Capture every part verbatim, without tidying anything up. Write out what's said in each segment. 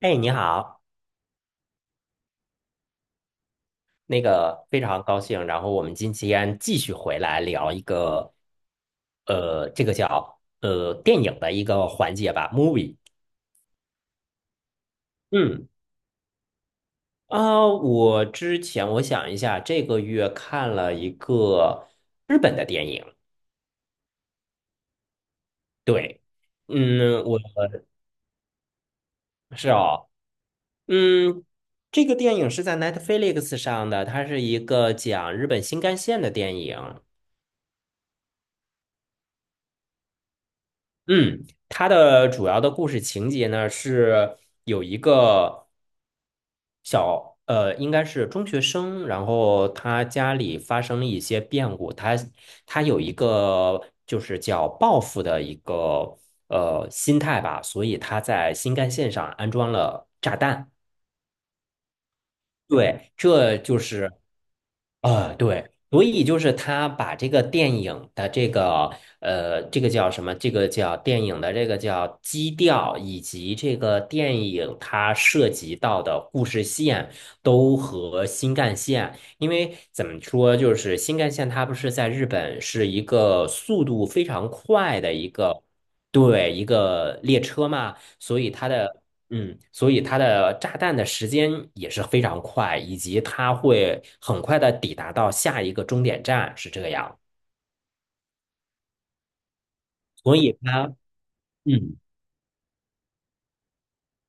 哎，你好，那个非常高兴，然后我们今天继续回来聊一个，呃，这个叫呃电影的一个环节吧，movie。嗯，啊，我之前我想一下，这个月看了一个日本的电影。对。嗯，我是哦。嗯，这个电影是在 Netflix 上的，它是一个讲日本新干线的电影。嗯，它的主要的故事情节呢是有一个小呃，应该是中学生，然后他家里发生了一些变故，他他有一个就是叫报复的一个呃心态吧，所以他在新干线上安装了炸弹。对，这就是。啊，对，所以就是他把这个电影的这个呃，这个叫什么？这个叫电影的这个叫基调，以及这个电影它涉及到的故事线都和新干线，因为怎么说，就是新干线它不是在日本是一个速度非常快的一个。对，一个列车嘛，所以它的嗯，所以它的炸弹的时间也是非常快，以及它会很快的抵达到下一个终点站，是这样。所以它，嗯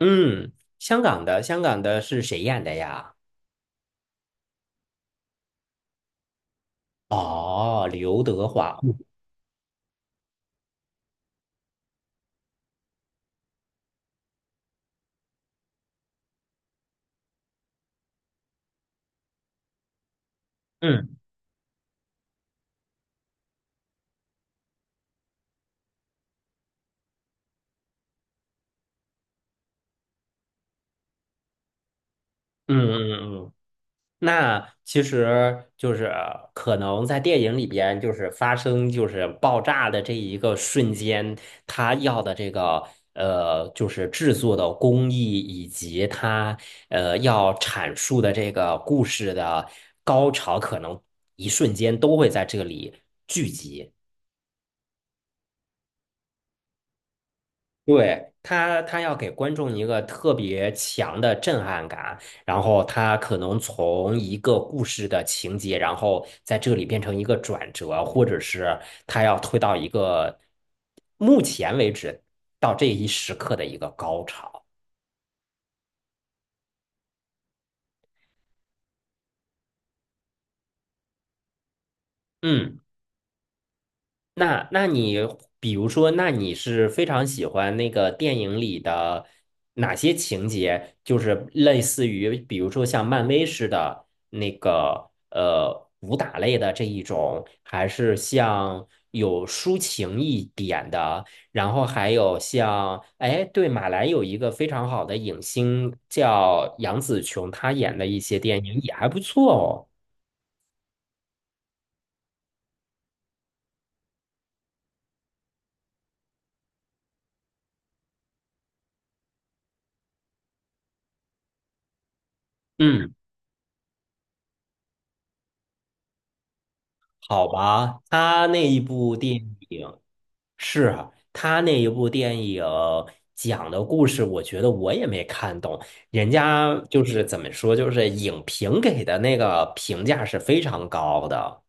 嗯，香港的香港的是谁演的呀？哦，刘德华。嗯嗯嗯嗯嗯。那其实就是可能在电影里边，就是发生就是爆炸的这一个瞬间，他要的这个呃，就是制作的工艺以及他呃要阐述的这个故事的高潮，可能一瞬间都会在这里聚集。对，他，他要给观众一个特别强的震撼感，然后他可能从一个故事的情节，然后在这里变成一个转折，或者是他要推到一个目前为止到这一时刻的一个高潮。嗯。那那你比如说，那你是非常喜欢那个电影里的哪些情节？就是类似于，比如说像漫威似的那个呃武打类的这一种，还是像有抒情一点的？然后还有像，哎，对，马来有一个非常好的影星叫杨紫琼，她演的一些电影也还不错哦。嗯，好吧，她那一部电影。是啊，他那一部电影讲的故事，我觉得我也没看懂。人家就是怎么说，就是影评给的那个评价是非常高的。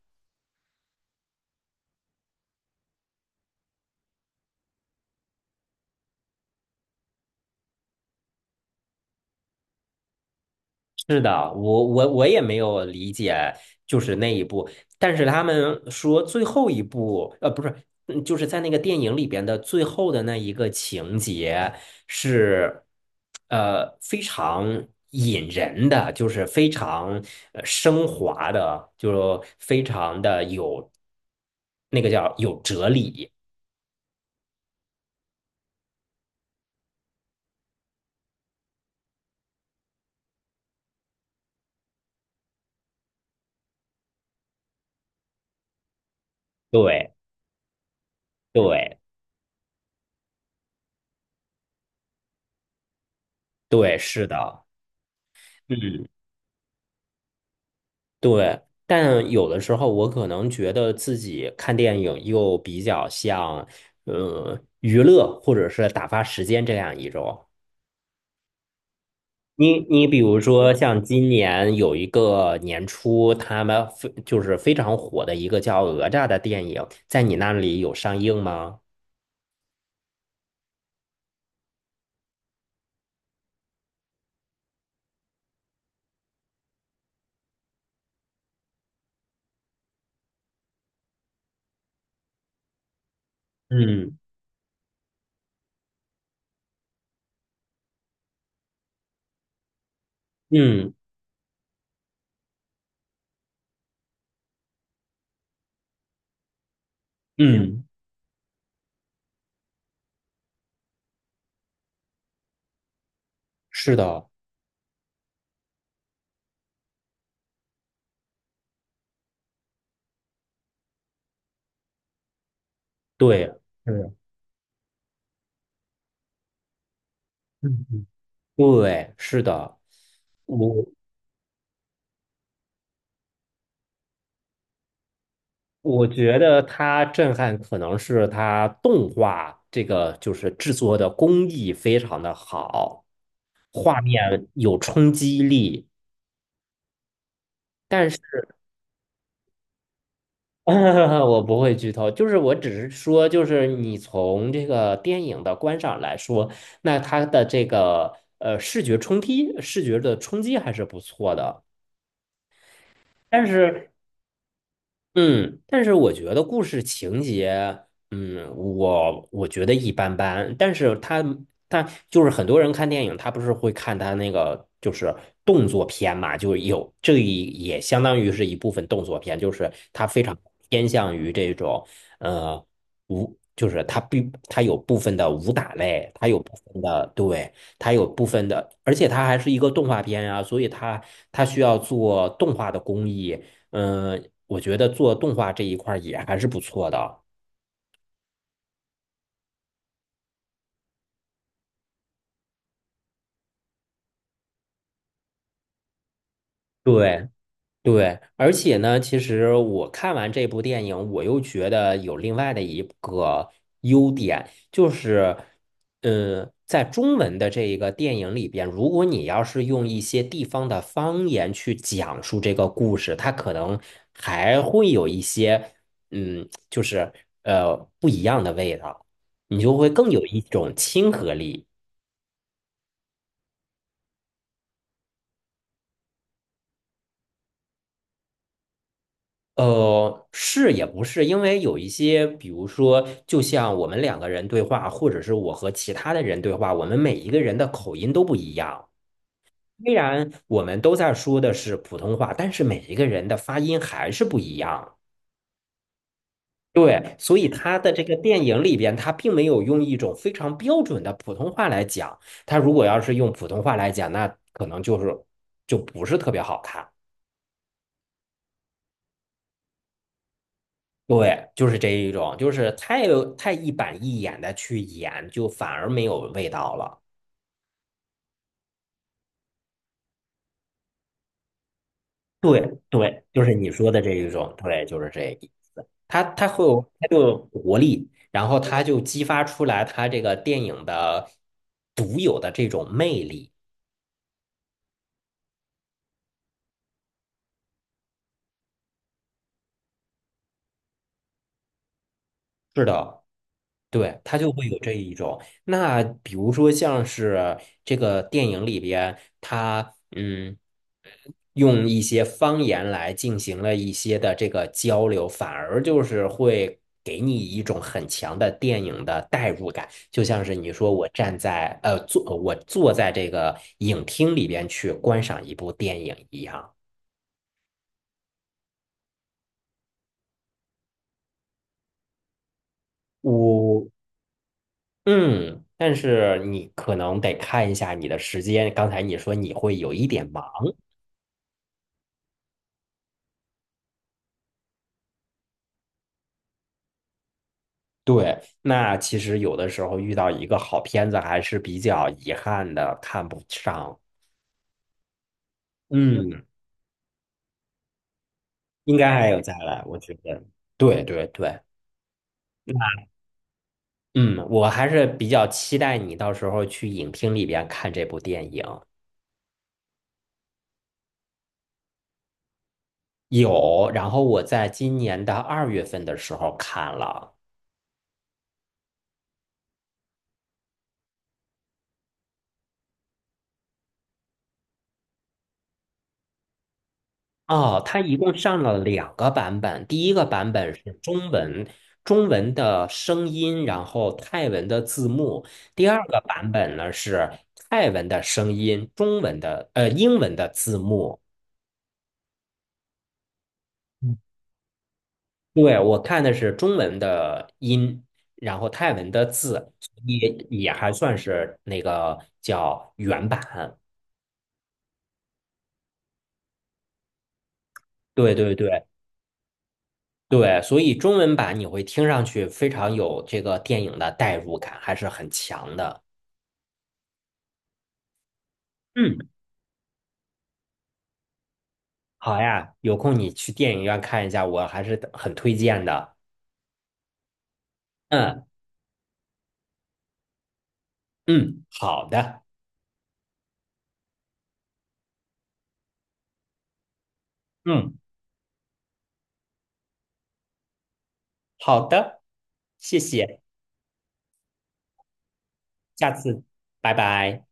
是的，我我我也没有理解，就是那一部，但是他们说最后一部，呃，不是，嗯就是在那个电影里边的最后的那一个情节是，呃，非常引人的，就是非常呃升华的，就非常的有那个叫有哲理。对对对，是的，嗯。对，但有的时候我可能觉得自己看电影又比较像，呃，娱乐或者是打发时间这样一种。你你比如说，像今年有一个年初，他们非就是非常火的一个叫《哪吒》的电影，在你那里有上映吗？嗯嗯嗯，是的，对，是，嗯嗯，对，是的。我。我觉得它震撼可能是它动画这个就是制作的工艺非常的好，画面有冲击力。但是 我不会剧透，就是我只是说，就是你从这个电影的观赏来说，那它的这个呃视觉冲击、视觉的冲击还是不错的。但是嗯，但是我觉得故事情节，嗯，我我觉得一般般。但是他他就是很多人看电影，他不是会看他那个就是动作片嘛，就有这一也相当于是一部分动作片，就是他非常偏向于这种呃武，就是他必他有部分的武打类，他有部分的对，他有部分的，而且他还是一个动画片啊，所以他他需要做动画的工艺。嗯，呃我觉得做动画这一块儿也还是不错的。对对，而且呢，其实我看完这部电影，我又觉得有另外的一个优点，就是，嗯，在中文的这一个电影里边，如果你要是用一些地方的方言去讲述这个故事，它可能还会有一些，嗯，就是呃不一样的味道，你就会更有一种亲和力。呃，是也不是，因为有一些，比如说，就像我们两个人对话，或者是我和其他的人对话，我们每一个人的口音都不一样。虽然我们都在说的是普通话，但是每一个人的发音还是不一样。对，所以他的这个电影里边，他并没有用一种非常标准的普通话来讲。他如果要是用普通话来讲，那可能就是就不是特别好看。对，就是这一种，就是太太一板一眼的去演，就反而没有味道了。对对，就是你说的这一种，对，就是这一，它它会有它就有活力，然后它就激发出来它这个电影的独有的这种魅力。是的。对，他就会有这一种。那比如说像是这个电影里边，他嗯，用一些方言来进行了一些的这个交流，反而就是会给你一种很强的电影的代入感。就像是你说我站在呃坐我坐在这个影厅里边去观赏一部电影一样。我嗯，但是你可能得看一下你的时间。刚才你说你会有一点忙。对，那其实有的时候遇到一个好片子还是比较遗憾的，看不上。嗯，应该还有再来，我觉得。对对对，嗯，我还是比较期待你到时候去影厅里边看这部电影。有，然后我在今年的二月份的时候看了。哦，它一共上了两个版本，第一个版本是中文，中文的声音，然后泰文的字幕；第二个版本呢是泰文的声音，中文的呃英文的字幕。嗯，对，我看的是中文的音，然后泰文的字，也也还算是那个叫原版。对对对对，所以中文版你会听上去非常有这个电影的代入感，还是很强的。嗯，好呀，有空你去电影院看一下，我还是很推荐的。嗯嗯，好的，嗯，好的，谢谢，下次，拜拜。